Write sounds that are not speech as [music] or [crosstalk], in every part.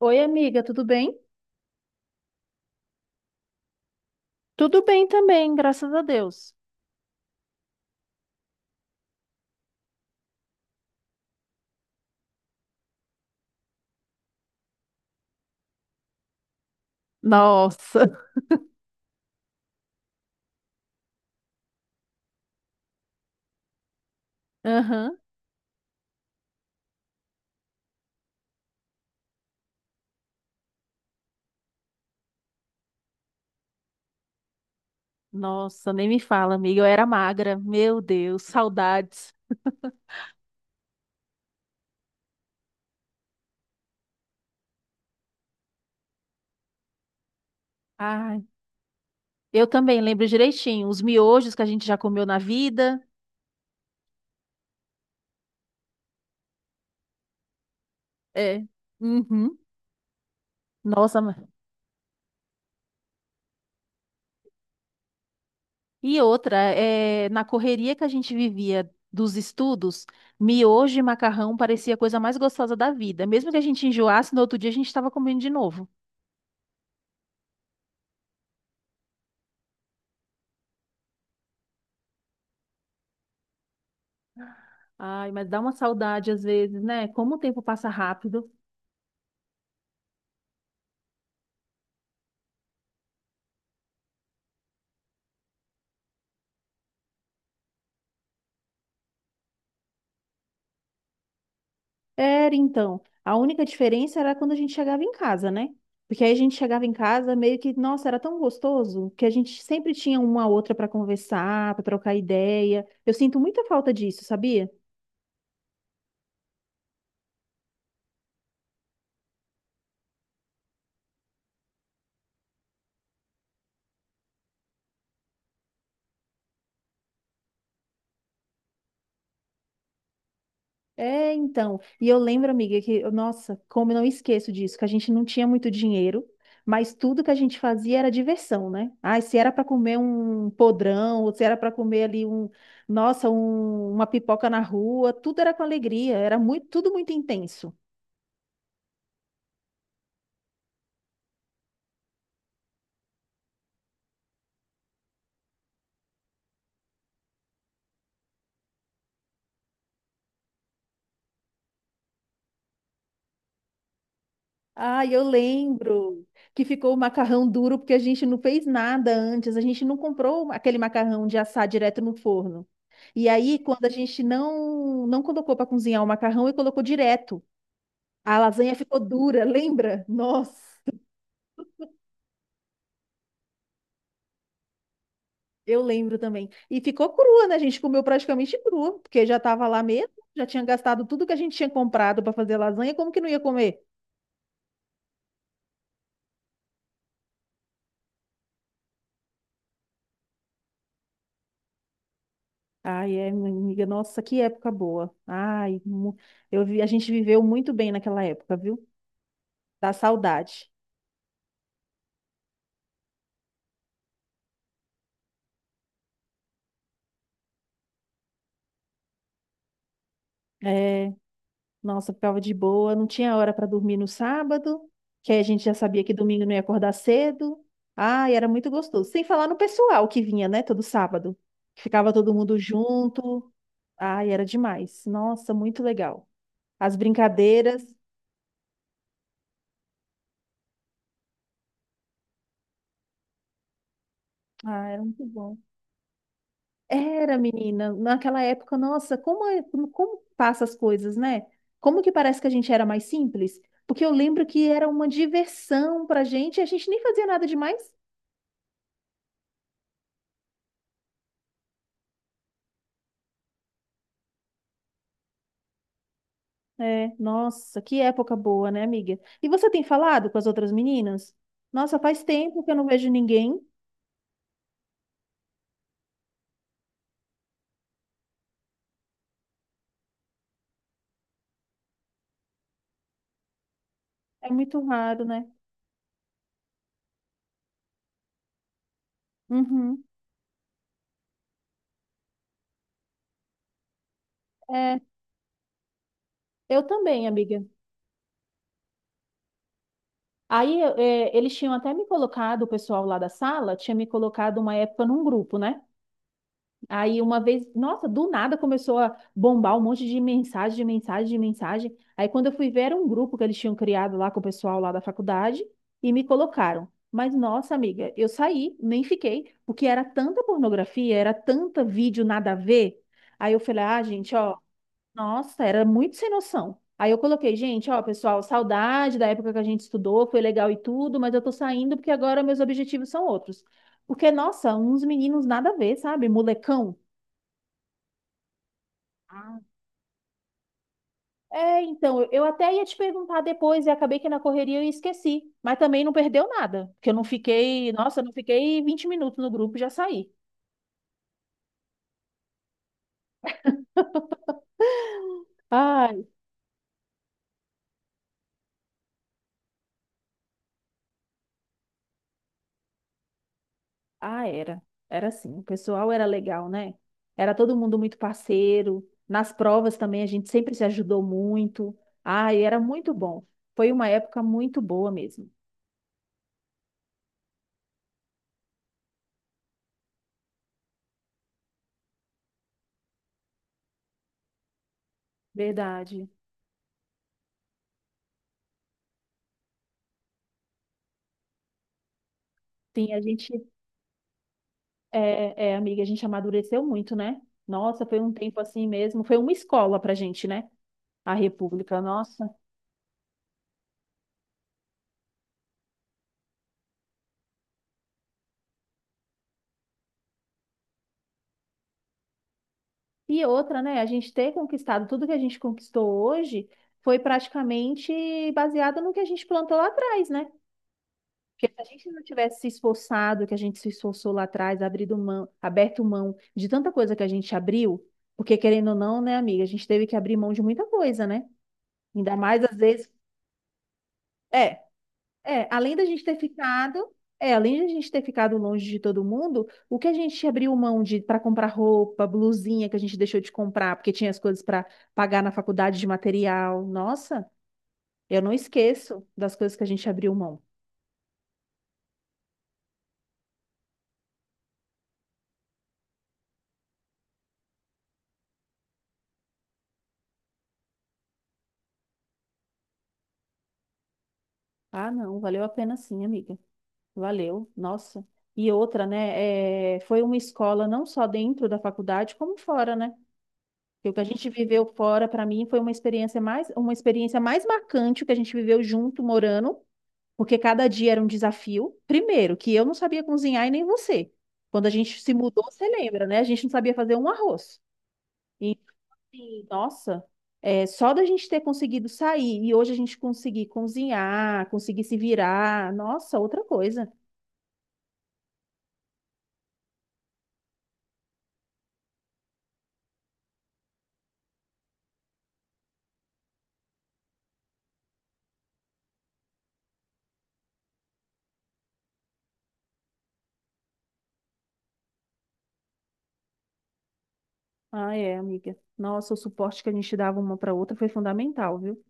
Oi, amiga, tudo bem? Tudo bem também, graças a Deus. Nossa. [laughs] Aham. Nossa, nem me fala, amiga. Eu era magra. Meu Deus, saudades. Ai, eu também lembro direitinho. Os miojos que a gente já comeu na vida. É. Uhum. Nossa, ma- e outra, é, na correria que a gente vivia dos estudos, miojo e macarrão parecia a coisa mais gostosa da vida. Mesmo que a gente enjoasse, no outro dia a gente estava comendo de novo. Ai, mas dá uma saudade às vezes, né? Como o tempo passa rápido. Era então. A única diferença era quando a gente chegava em casa, né? Porque aí a gente chegava em casa meio que, nossa, era tão gostoso que a gente sempre tinha uma a outra para conversar, para trocar ideia. Eu sinto muita falta disso, sabia? É, então. E eu lembro, amiga, que, nossa, como eu não esqueço disso, que a gente não tinha muito dinheiro, mas tudo que a gente fazia era diversão, né? Ai, se era para comer um podrão, ou se era para comer ali um, nossa, uma pipoca na rua, tudo era com alegria, era muito, tudo muito intenso. Ah, eu lembro que ficou o macarrão duro porque a gente não fez nada antes, a gente não comprou aquele macarrão de assar direto no forno. E aí, quando a gente não colocou para cozinhar o macarrão e colocou direto. A lasanha ficou dura, lembra? Nossa, eu lembro também. E ficou crua, né? A gente comeu praticamente crua, porque já estava lá mesmo, já tinha gastado tudo que a gente tinha comprado para fazer lasanha, como que não ia comer? Ai, é, minha amiga, nossa, que época boa. Eu vi, a gente viveu muito bem naquela época, viu? Dá saudade. É. Nossa, ficava de boa, não tinha hora para dormir no sábado, que aí a gente já sabia que domingo não ia acordar cedo. Ai, era muito gostoso. Sem falar no pessoal que vinha, né, todo sábado, que ficava todo mundo junto. Ai, era demais. Nossa, muito legal. As brincadeiras, ah, era muito bom. Era, menina, naquela época, nossa, como passa as coisas, né? Como que parece que a gente era mais simples? Porque eu lembro que era uma diversão pra gente, e a gente nem fazia nada demais. É, nossa, que época boa, né, amiga? E você tem falado com as outras meninas? Nossa, faz tempo que eu não vejo ninguém. É muito raro, né? Uhum. É, eu também, amiga. Aí, é, eles tinham até me colocado, o pessoal lá da sala tinha me colocado uma época num grupo, né? Aí uma vez, nossa, do nada começou a bombar um monte de mensagem, de mensagem, de mensagem. Aí quando eu fui ver, era um grupo que eles tinham criado lá com o pessoal lá da faculdade e me colocaram. Mas nossa, amiga, eu saí, nem fiquei, porque era tanta pornografia, era tanta vídeo nada a ver. Aí eu falei, ah, gente, ó, nossa, era muito sem noção. Aí eu coloquei, gente, ó, pessoal, saudade da época que a gente estudou, foi legal e tudo, mas eu tô saindo porque agora meus objetivos são outros. Porque, nossa, uns meninos nada a ver, sabe? Molecão. Ah, é, então, eu até ia te perguntar depois e acabei que na correria eu esqueci. Mas também não perdeu nada, porque eu não fiquei, nossa, eu não fiquei 20 minutos no grupo e já saí. Ai, ah, era. Era assim, o pessoal era legal, né? Era todo mundo muito parceiro. Nas provas também a gente sempre se ajudou muito. Ai, era muito bom. Foi uma época muito boa mesmo. Verdade. Sim, a gente, é, é, amiga, a gente amadureceu muito, né? Nossa, foi um tempo assim mesmo. Foi uma escola pra gente, né? A República, nossa. E outra, né? A gente ter conquistado tudo que a gente conquistou hoje foi praticamente baseado no que a gente plantou lá atrás, né? Porque se a gente não tivesse se esforçado, que a gente se esforçou lá atrás, abrido mão, aberto mão de tanta coisa que a gente abriu, porque querendo ou não, né, amiga, a gente teve que abrir mão de muita coisa, né? Ainda mais às vezes. É. É, além da gente ter ficado, é, além da gente ter ficado longe de todo mundo, o que a gente abriu mão de para comprar roupa, blusinha que a gente deixou de comprar, porque tinha as coisas para pagar na faculdade de material. Nossa, eu não esqueço das coisas que a gente abriu mão. Ah, não, valeu a pena sim, amiga. Valeu, nossa. E outra, né? É, foi uma escola não só dentro da faculdade, como fora, né? Porque o que a gente viveu fora, para mim, foi uma experiência mais marcante o que a gente viveu junto, morando. Porque cada dia era um desafio. Primeiro, que eu não sabia cozinhar e nem você. Quando a gente se mudou, você lembra, né? A gente não sabia fazer um arroz. E, assim, nossa, é, só da gente ter conseguido sair e hoje a gente conseguir cozinhar, conseguir se virar, nossa, outra coisa. Ah, é, amiga. Nossa, o suporte que a gente dava uma para outra foi fundamental, viu?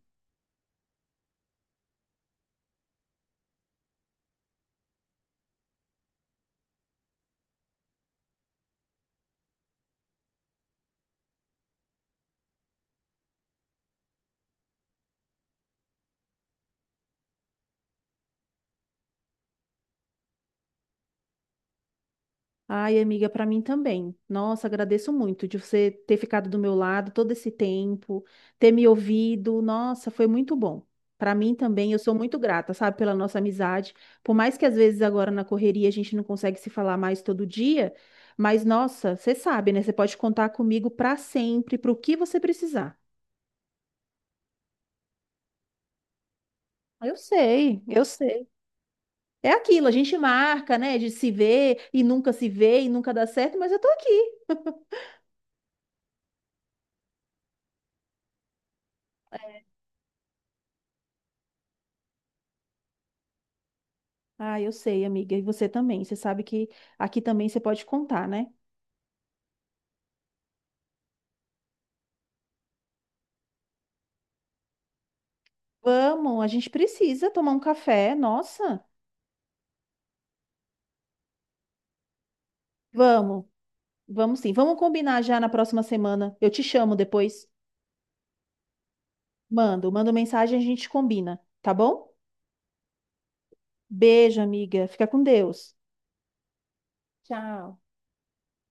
Ai, amiga, para mim também. Nossa, agradeço muito de você ter ficado do meu lado todo esse tempo, ter me ouvido. Nossa, foi muito bom. Para mim também, eu sou muito grata, sabe, pela nossa amizade. Por mais que às vezes agora na correria a gente não consegue se falar mais todo dia, mas nossa, você sabe, né? Você pode contar comigo para sempre, para o que você precisar. Eu sei, eu sei. É aquilo, a gente marca, né, de se ver e nunca se vê e nunca dá certo, mas eu tô aqui. Ah, eu sei, amiga. E você também. Você sabe que aqui também você pode contar, né? Vamos, a gente precisa tomar um café. Nossa, vamos, vamos sim. Vamos combinar já na próxima semana. Eu te chamo depois. Mando, mando mensagem, a gente combina, tá bom? Beijo, amiga. Fica com Deus. Tchau.